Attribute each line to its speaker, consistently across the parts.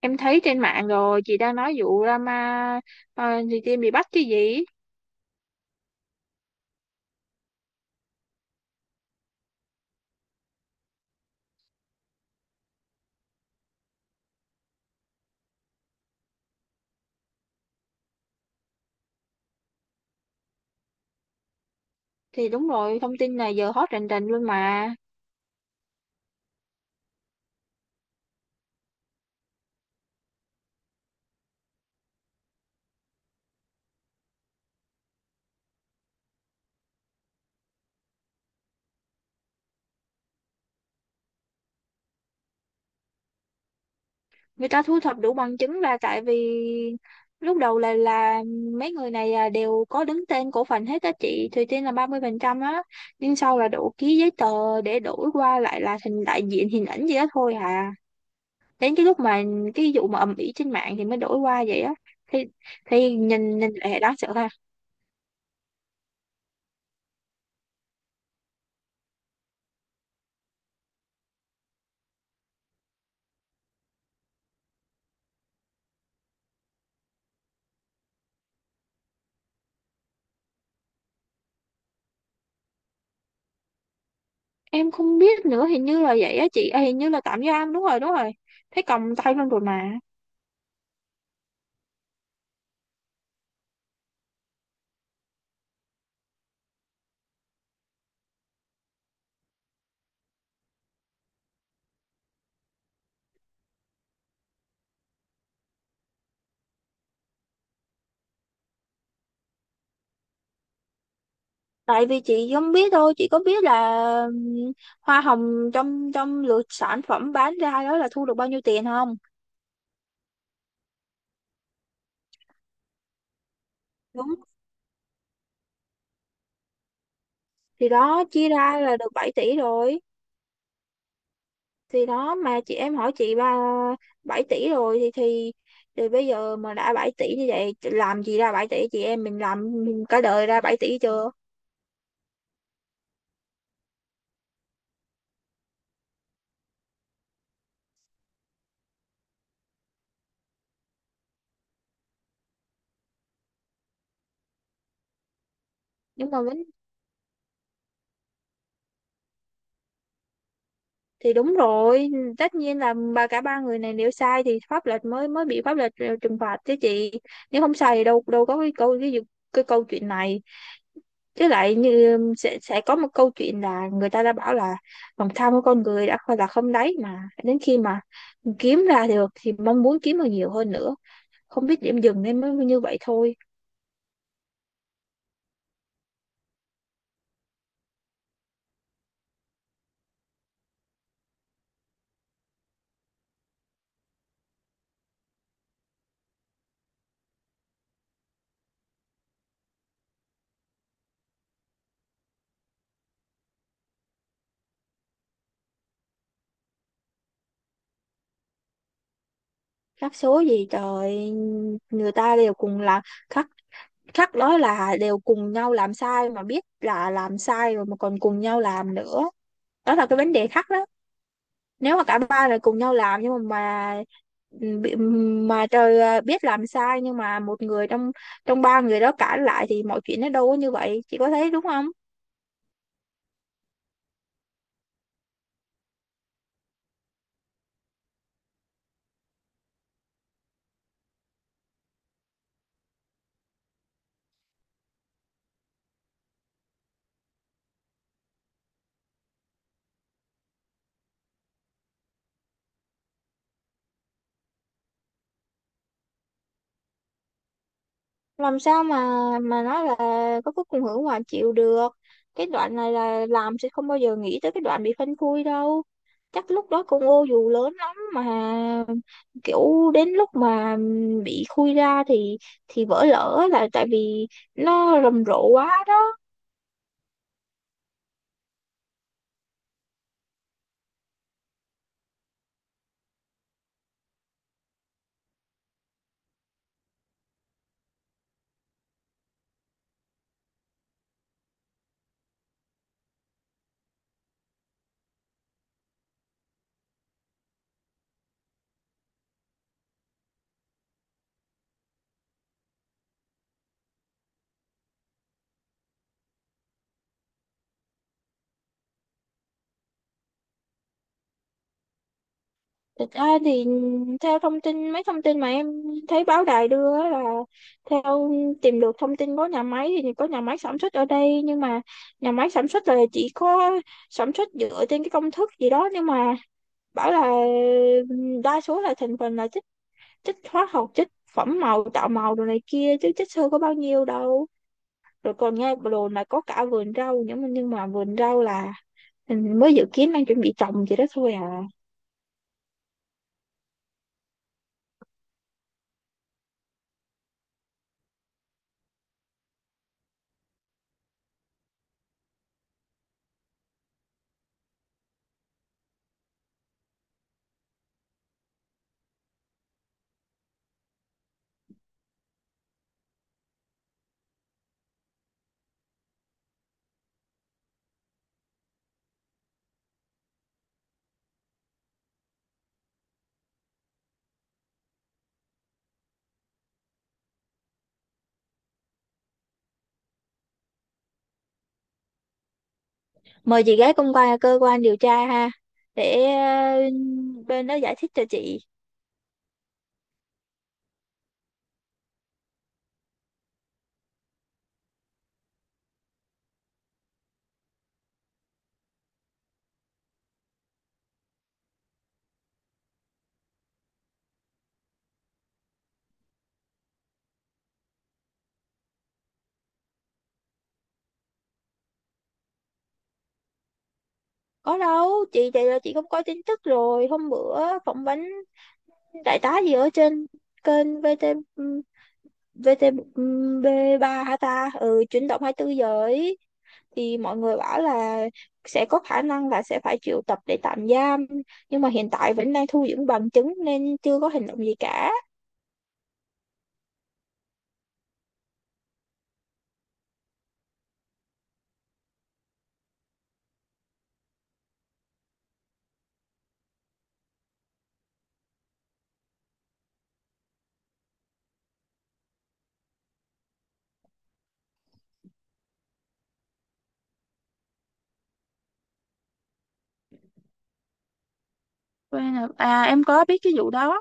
Speaker 1: Em thấy trên mạng rồi, chị đang nói vụ drama. ờ, thì Tiên bị bắt chứ gì. Thì đúng rồi, thông tin này giờ hot rành rành luôn mà. Người ta thu thập đủ bằng chứng ra tại vì lúc đầu là mấy người này à, đều có đứng tên cổ phần hết á, chị Thùy Tiên là 30% á, nhưng sau là đổ ký giấy tờ để đổi qua lại là thành đại diện hình ảnh gì đó thôi à. Đến cái lúc mà cái vụ mà ầm ĩ trên mạng thì mới đổi qua vậy á, thì thì nhìn nhìn lại đáng sợ. Em không biết nữa, hình như là vậy á chị à, hình như là tạm giam, đúng rồi đúng rồi, thấy còng tay luôn rồi mà. Tại vì chị không biết thôi, chị có biết là ừm, hoa hồng trong trong lượt sản phẩm bán ra đó là thu được bao nhiêu tiền không? Đúng. Thì đó chia ra là được 7 tỷ rồi. Thì đó, mà chị em hỏi chị, ba 7 tỷ rồi thì thì bây giờ mà đã 7 tỷ như vậy, làm gì ra 7 tỷ, chị em mình làm cả đời ra 7 tỷ chưa? Nhưng mà vấn, thì đúng rồi, tất nhiên là ba, cả ba người này nếu sai thì pháp luật mới mới bị pháp luật trừng phạt chứ chị. Nếu không sai thì đâu đâu có cái câu, cái câu chuyện này. Chứ lại như sẽ có một câu chuyện, là người ta đã bảo là lòng tham của con người đã không là không đáy, mà đến khi mà kiếm ra được thì mong muốn kiếm được nhiều hơn nữa, không biết điểm dừng nên mới như vậy thôi. Rắc số gì trời, người ta đều cùng là khắc, chắc nói là đều cùng nhau làm sai mà biết là làm sai rồi mà còn cùng nhau làm nữa, đó là cái vấn đề khác đó. Nếu mà cả ba là cùng nhau làm, nhưng mà bị- ừ, mà trời à, biết làm sai nhưng mà một người trong trong ba người đó cãi lại thì mọi chuyện nó đâu có như vậy, chị có thấy đúng không? Làm sao mà nói là có cái cùng hưởng hòa chịu được. Cái đoạn này là làm sẽ không bao giờ nghĩ tới cái đoạn bị phanh phui đâu, chắc lúc đó con ô dù lớn lắm mà, kiểu đến lúc mà bị khui ra thì vỡ lở là tại vì nó rầm rộ quá đó. Thực ra thì theo thông tin, mấy thông tin mà em thấy báo đài đưa á, là theo tìm được thông tin có nhà máy, thì có nhà máy sản xuất ở đây, nhưng mà nhà máy sản xuất là chỉ có sản xuất dựa trên cái công thức gì đó, nhưng mà bảo là đa số là thành phần là chất, chất hóa học, chất phẩm màu tạo màu đồ này kia, chứ chất xơ có bao nhiêu đâu. Rồi còn nghe đồn là có cả vườn rau, nhưng mà vườn rau là mình mới dự kiến, đang chuẩn bị trồng gì đó thôi à. Mời chị gái công quan cơ quan điều tra ha, để bên đó giải thích cho chị. Có đâu chị, vậy là chị không có tin tức rồi, hôm bữa phỏng vấn đại tá gì ở trên kênh VTV3 hả ta, ừ, chuyển động 24 giờ ấy. Thì mọi người bảo là sẽ có khả năng là sẽ phải triệu tập để tạm giam, nhưng mà hiện tại vẫn đang thu dưỡng bằng chứng nên chưa có hành động gì cả. Quen rồi. À, em có biết cái vụ đó.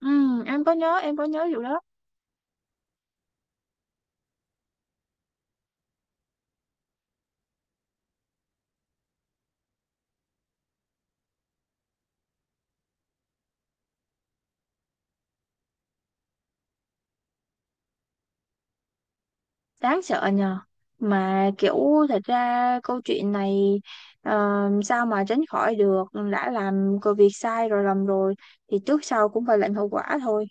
Speaker 1: Ừ, em có nhớ vụ đó. Đáng sợ nhờ, mà kiểu thật ra câu chuyện này ờ, sao mà tránh khỏi được. Đã làm cái việc sai rồi, lầm rồi thì trước sau cũng phải lãnh hậu quả thôi.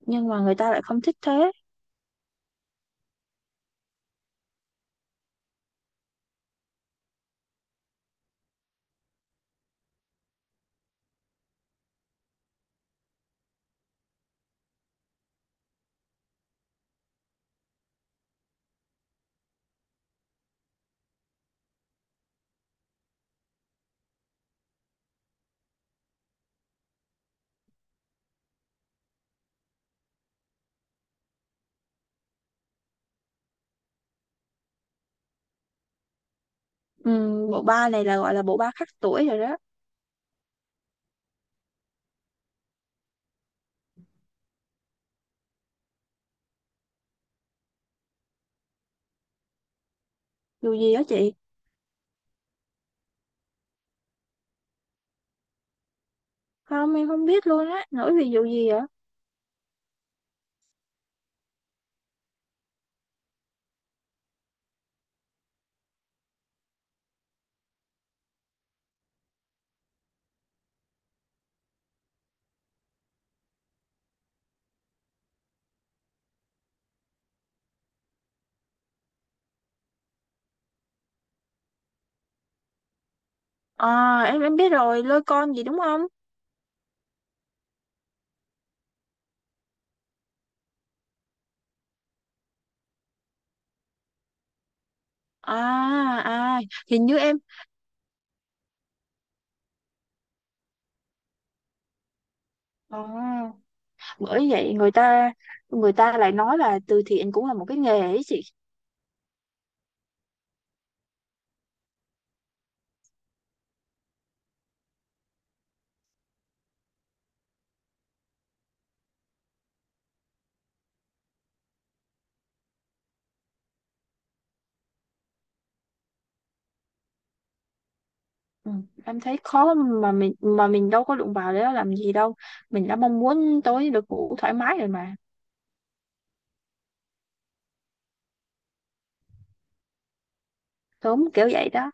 Speaker 1: Nhưng mà người ta lại không thích thế. Bộ ba này là gọi là bộ ba khắc tuổi rồi đó. Dù gì đó chị. Không, em không biết luôn á, nổi vì vụ gì vậy? À, em biết rồi, lôi con gì đúng không? À, à hình như em à, bởi vậy người ta lại nói là từ thiện cũng là một cái nghề ấy chị. Ừ, em thấy khó, mà mình đâu có đụng vào để nó làm gì đâu, mình đã mong muốn tối được ngủ thoải mái rồi mà, sớm kiểu vậy đó.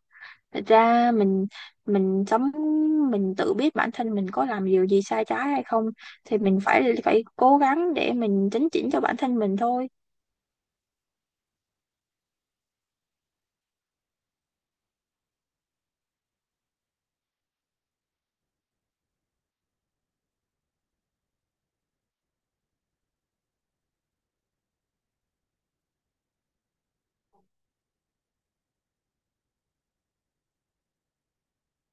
Speaker 1: Thật ra mình sống mình tự biết bản thân mình có làm điều gì sai trái hay không, thì mình phải phải cố gắng để mình chấn chỉnh cho bản thân mình thôi.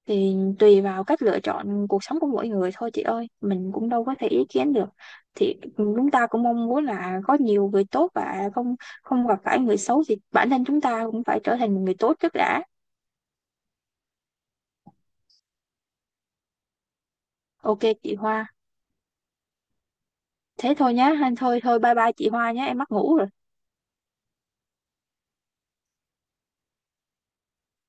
Speaker 1: Thì tùy vào cách lựa chọn cuộc sống của mỗi người thôi chị ơi, mình cũng đâu có thể ý kiến được. Thì chúng ta cũng mong muốn là có nhiều người tốt và không không gặp phải người xấu, thì bản thân chúng ta cũng phải trở thành một người tốt trước đã. Ok chị Hoa, thế thôi nhá, thôi thôi, bye bye chị Hoa nhé, em mắc ngủ rồi.